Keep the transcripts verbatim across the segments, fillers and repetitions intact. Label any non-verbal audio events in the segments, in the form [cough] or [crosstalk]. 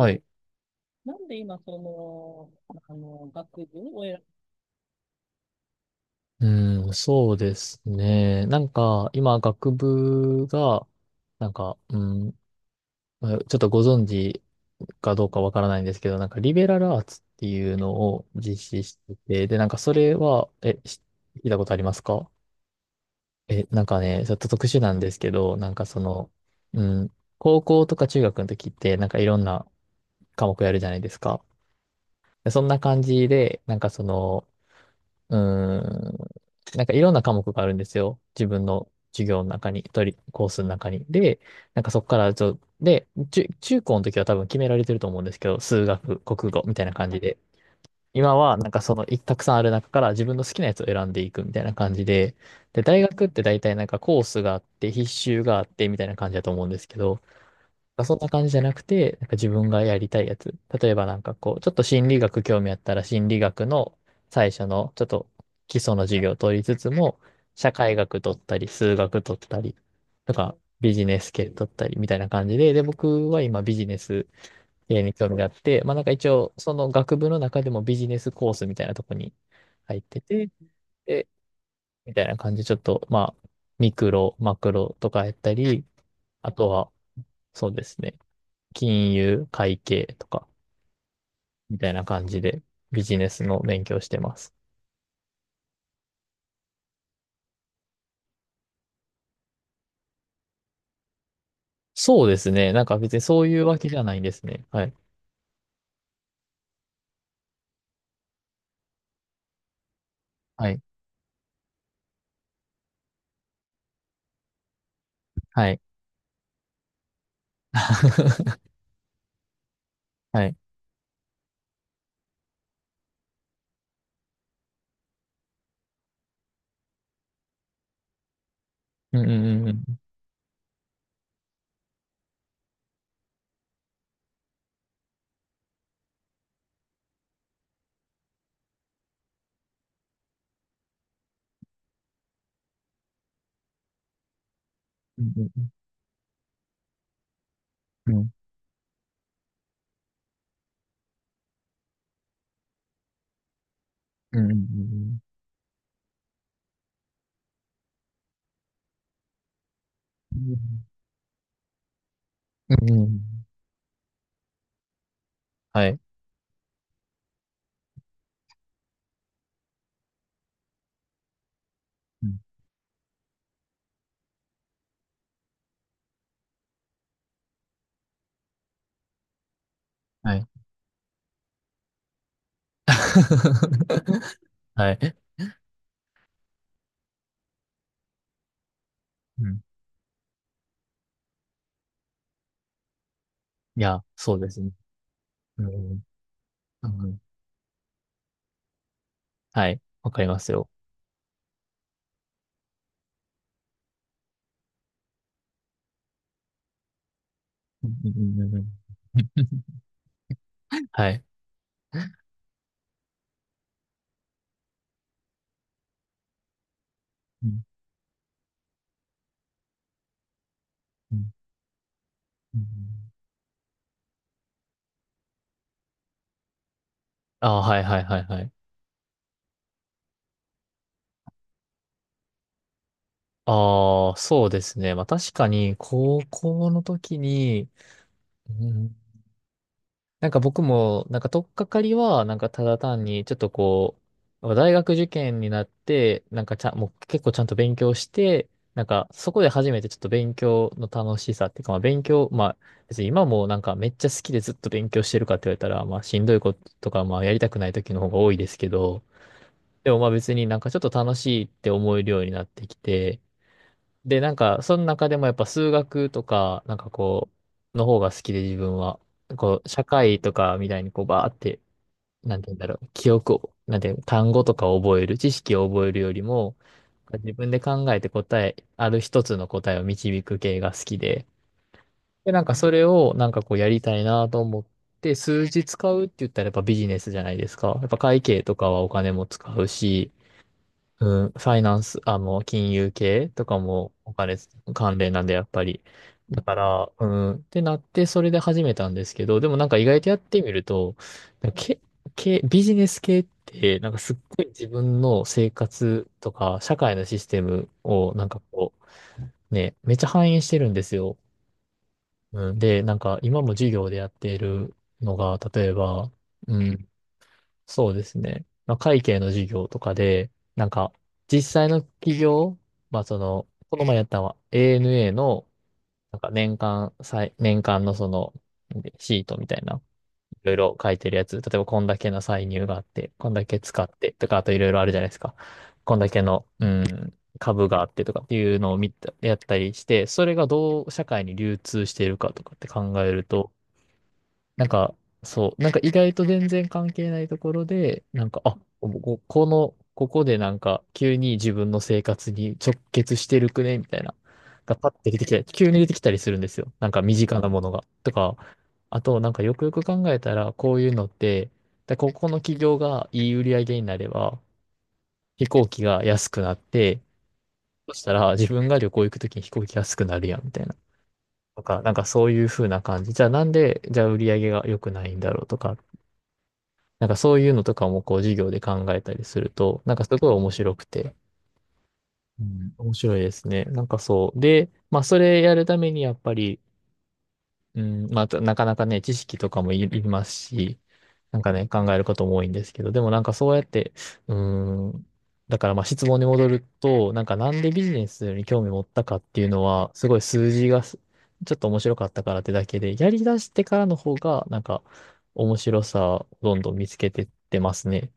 、は、い。うん、そうですね。なんか、今、学部が、なんか、うん、まあちょっとご存知かどうかわからないんですけど、なんか、リベラルアーツっていうのを実施してて、で、なんか、それは、え、し聞いたことありますか？え、なんかね、ちょっと特殊なんですけど、なんかその、うん、高校とか中学の時って、なんかいろんな科目やるじゃないですか。でそんな感じで、なんかその、うーん。なんかいろんな科目があるんですよ。自分の授業の中に、取り、コースの中に。で、なんかそこからちょ、で、中、中高の時は多分決められてると思うんですけど、数学、国語みたいな感じで。今はなんかそのいたくさんある中から自分の好きなやつを選んでいくみたいな感じで、で、大学って大体なんかコースがあって、必修があってみたいな感じだと思うんですけど、なんかそんな感じじゃなくて、なんか自分がやりたいやつ。例えばなんかこう、ちょっと心理学興味あったら心理学の最初のちょっと基礎の授業を取りつつも、社会学取ったり、数学取ったり、とかビジネス系取ったりみたいな感じで、で、僕は今ビジネス系に興味があって、まあなんか一応その学部の中でもビジネスコースみたいなとこに入ってて、で、みたいな感じでちょっとまあミクロ、マクロとかやったり、あとはそうですね。金融、会計とか、みたいな感じでビジネスの勉強してます。そうですね。なんか別にそういうわけじゃないんですね。はい。はい。はい。[laughs] はい。うんうんうんうん。うんうんうん。うんうんうんうん。うんうんうん。はい。うん。はい。[laughs] はい。うん。いや、そうですね。うんうんうん。うんうん。はい。わかりますよ。うんうんうんうんうん。はい。[laughs] うんうんうんうんうんうんうんうんはいうんはいはいうんいやそうですねうんうんうんはいわかりますようんうんうんうんはいうんうんうんうんああ、はいはいはいはい。ああ、そうですね。まあ確かに、高校の時に、うんなんか僕も、なんか取っかかりは、なんかただ単に、ちょっとこう、大学受験になって、なんかちゃん、もう結構ちゃんと勉強して、なんかそこで初めてちょっと勉強の楽しさっていうか、まあ勉強、まあ別に今もなんかめっちゃ好きでずっと勉強してるかって言われたら、まあしんどいこととか、まあやりたくない時の方が多いですけど、でもまあ別になんかちょっと楽しいって思えるようになってきて、で、なんか、その中でもやっぱ数学とか、なんかこう、の方が好きで自分は、こう、社会とかみたいにこう、バーって、なんて言うんだろう、記憶を、なんていうの、単語とかを覚える、知識を覚えるよりも、自分で考えて答え、ある一つの答えを導く系が好きで、で、なんかそれをなんかこうやりたいなと思って、数字使うって言ったらやっぱビジネスじゃないですか。やっぱ会計とかはお金も使うし、うん、ファイナンス、あの、金融系とかもお金関連なんで、やっぱり。だから、うん、ってなって、それで始めたんですけど、でもなんか意外とやってみると、け、け、ビジネス系って、なんかすっごい自分の生活とか、社会のシステムを、なんかこう、ね、めっちゃ反映してるんですよ。うん、で、なんか今も授業でやっているのが、例えば、うん、そうですね。まあ、会計の授業とかで、なんか、実際の企業、まあ、その、この前やったのは エーエヌエー の、なんか年間、歳年間のその、シートみたいな、いろいろ書いてるやつ、例えばこんだけの歳入があって、こんだけ使って、とか、あといろいろあるじゃないですか。こんだけの、うん、株があってとかっていうのを見た、やったりして、それがどう社会に流通しているかとかって考えると、なんか、そう、なんか意外と全然関係ないところで、なんか、あ、ここの、ここでなんか、急に自分の生活に直結してるくねみたいな、がパッて出てきたり、急に出てきたりするんですよ。なんか身近なものが。とか、あと、なんかよくよく考えたら、こういうのって、で、ここの企業がいい売り上げになれば、飛行機が安くなって、そしたら自分が旅行行くときに飛行機安くなるやん、みたいな。とか、なんかそういう風な感じ。じゃあなんで、じゃあ売り上げが良くないんだろうとか、なんかそういうのとかもこう授業で考えたりすると、なんかすごい面白くて、うん、面白いですね。なんかそう。で、まあそれやるためにやっぱり、うん、まあなかなかね、知識とかもいりますし、なんかね、考えることも多いんですけど、でもなんかそうやって、うん、だからまあ質問に戻ると、なんかなんでビジネスに興味持ったかっていうのは、すごい数字がすちょっと面白かったからってだけで、やり出してからの方が、なんか面白さをどんどん見つけてってますね。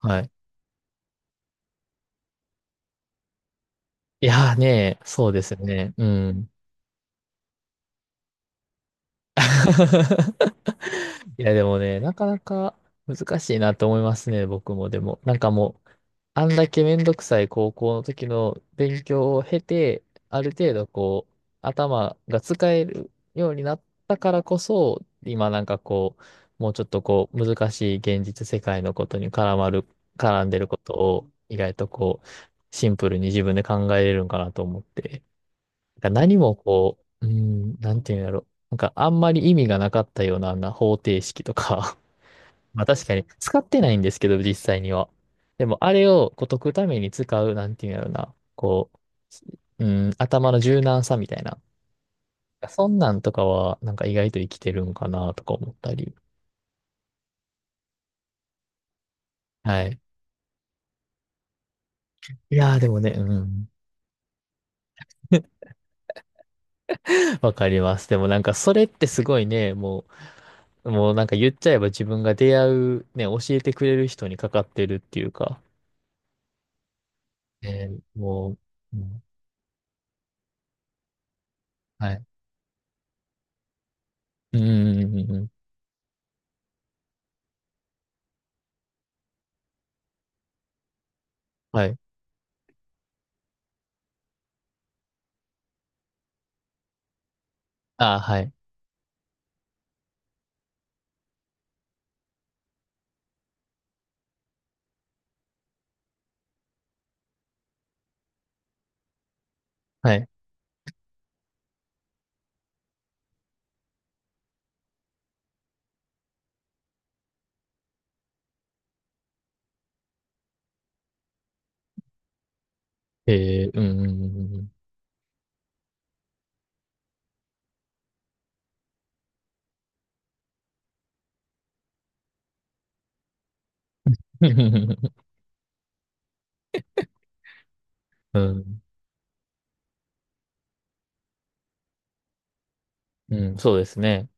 はい。いやーね、そうですね。うん。[laughs] いや、でもね、なかなか難しいなと思いますね、僕も。でも、なんかもう、あんだけめんどくさい高校の時の勉強を経て、ある程度こう、頭が使えるようになったからこそ、今なんかこう、もうちょっとこう、難しい現実世界のことに絡まる、絡んでることを、意外とこう、シンプルに自分で考えれるんかなと思って。なんか何もこう、うん、なんていうんだろう。なんかあんまり意味がなかったような、あんな方程式とか [laughs] まあ確かに使ってないんですけど、実際には。でもあれをこう解くために使う、なんていうんだろうな。こう、うん、頭の柔軟さみたいな。そんなんとかは、なんか意外と生きてるんかなとか思ったり。はい。いやーでもね、うん。[laughs] わかります。でもなんかそれってすごいね、もう、もうなんか言っちゃえば自分が出会う、ね、教えてくれる人にかかってるっていうか、えー、もう、うん、はい。うんうんうんうんうん。はい。あーはい。はい。えー、うんうんうんうんうん。[laughs] うん、うん、そうですね。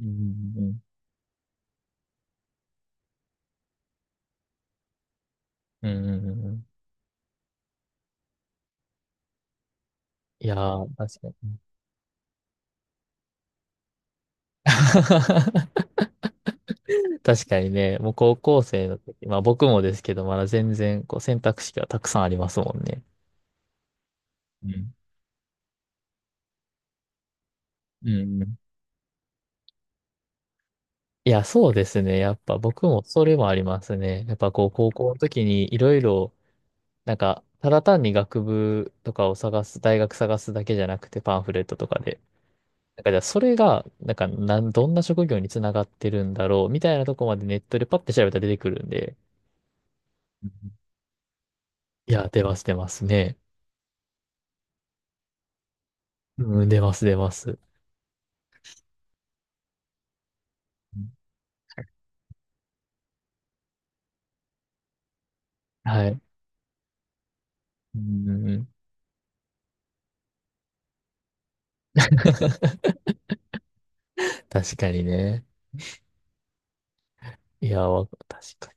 うんうんうん。うんうんうんうん。いやー、確かに。[laughs] 確かにね、もう高校生の時、まあ僕もですけど、まだ全然こう選択肢がたくさんありますもんね。うん。うんうん。いや、そうですね。やっぱ僕もそれもありますね。やっぱこう高校の時にいろいろなんか、ただ単に学部とかを探す、大学探すだけじゃなくてパンフレットとかで。なんかじゃあそれが、なんかなん、どんな職業につながってるんだろうみたいなとこまでネットでパッて調べたら出てくるんで。うんいや、出ます出ますね。うん、出ます出ます。うんはい。うん、確かにね。いや、わ確かに。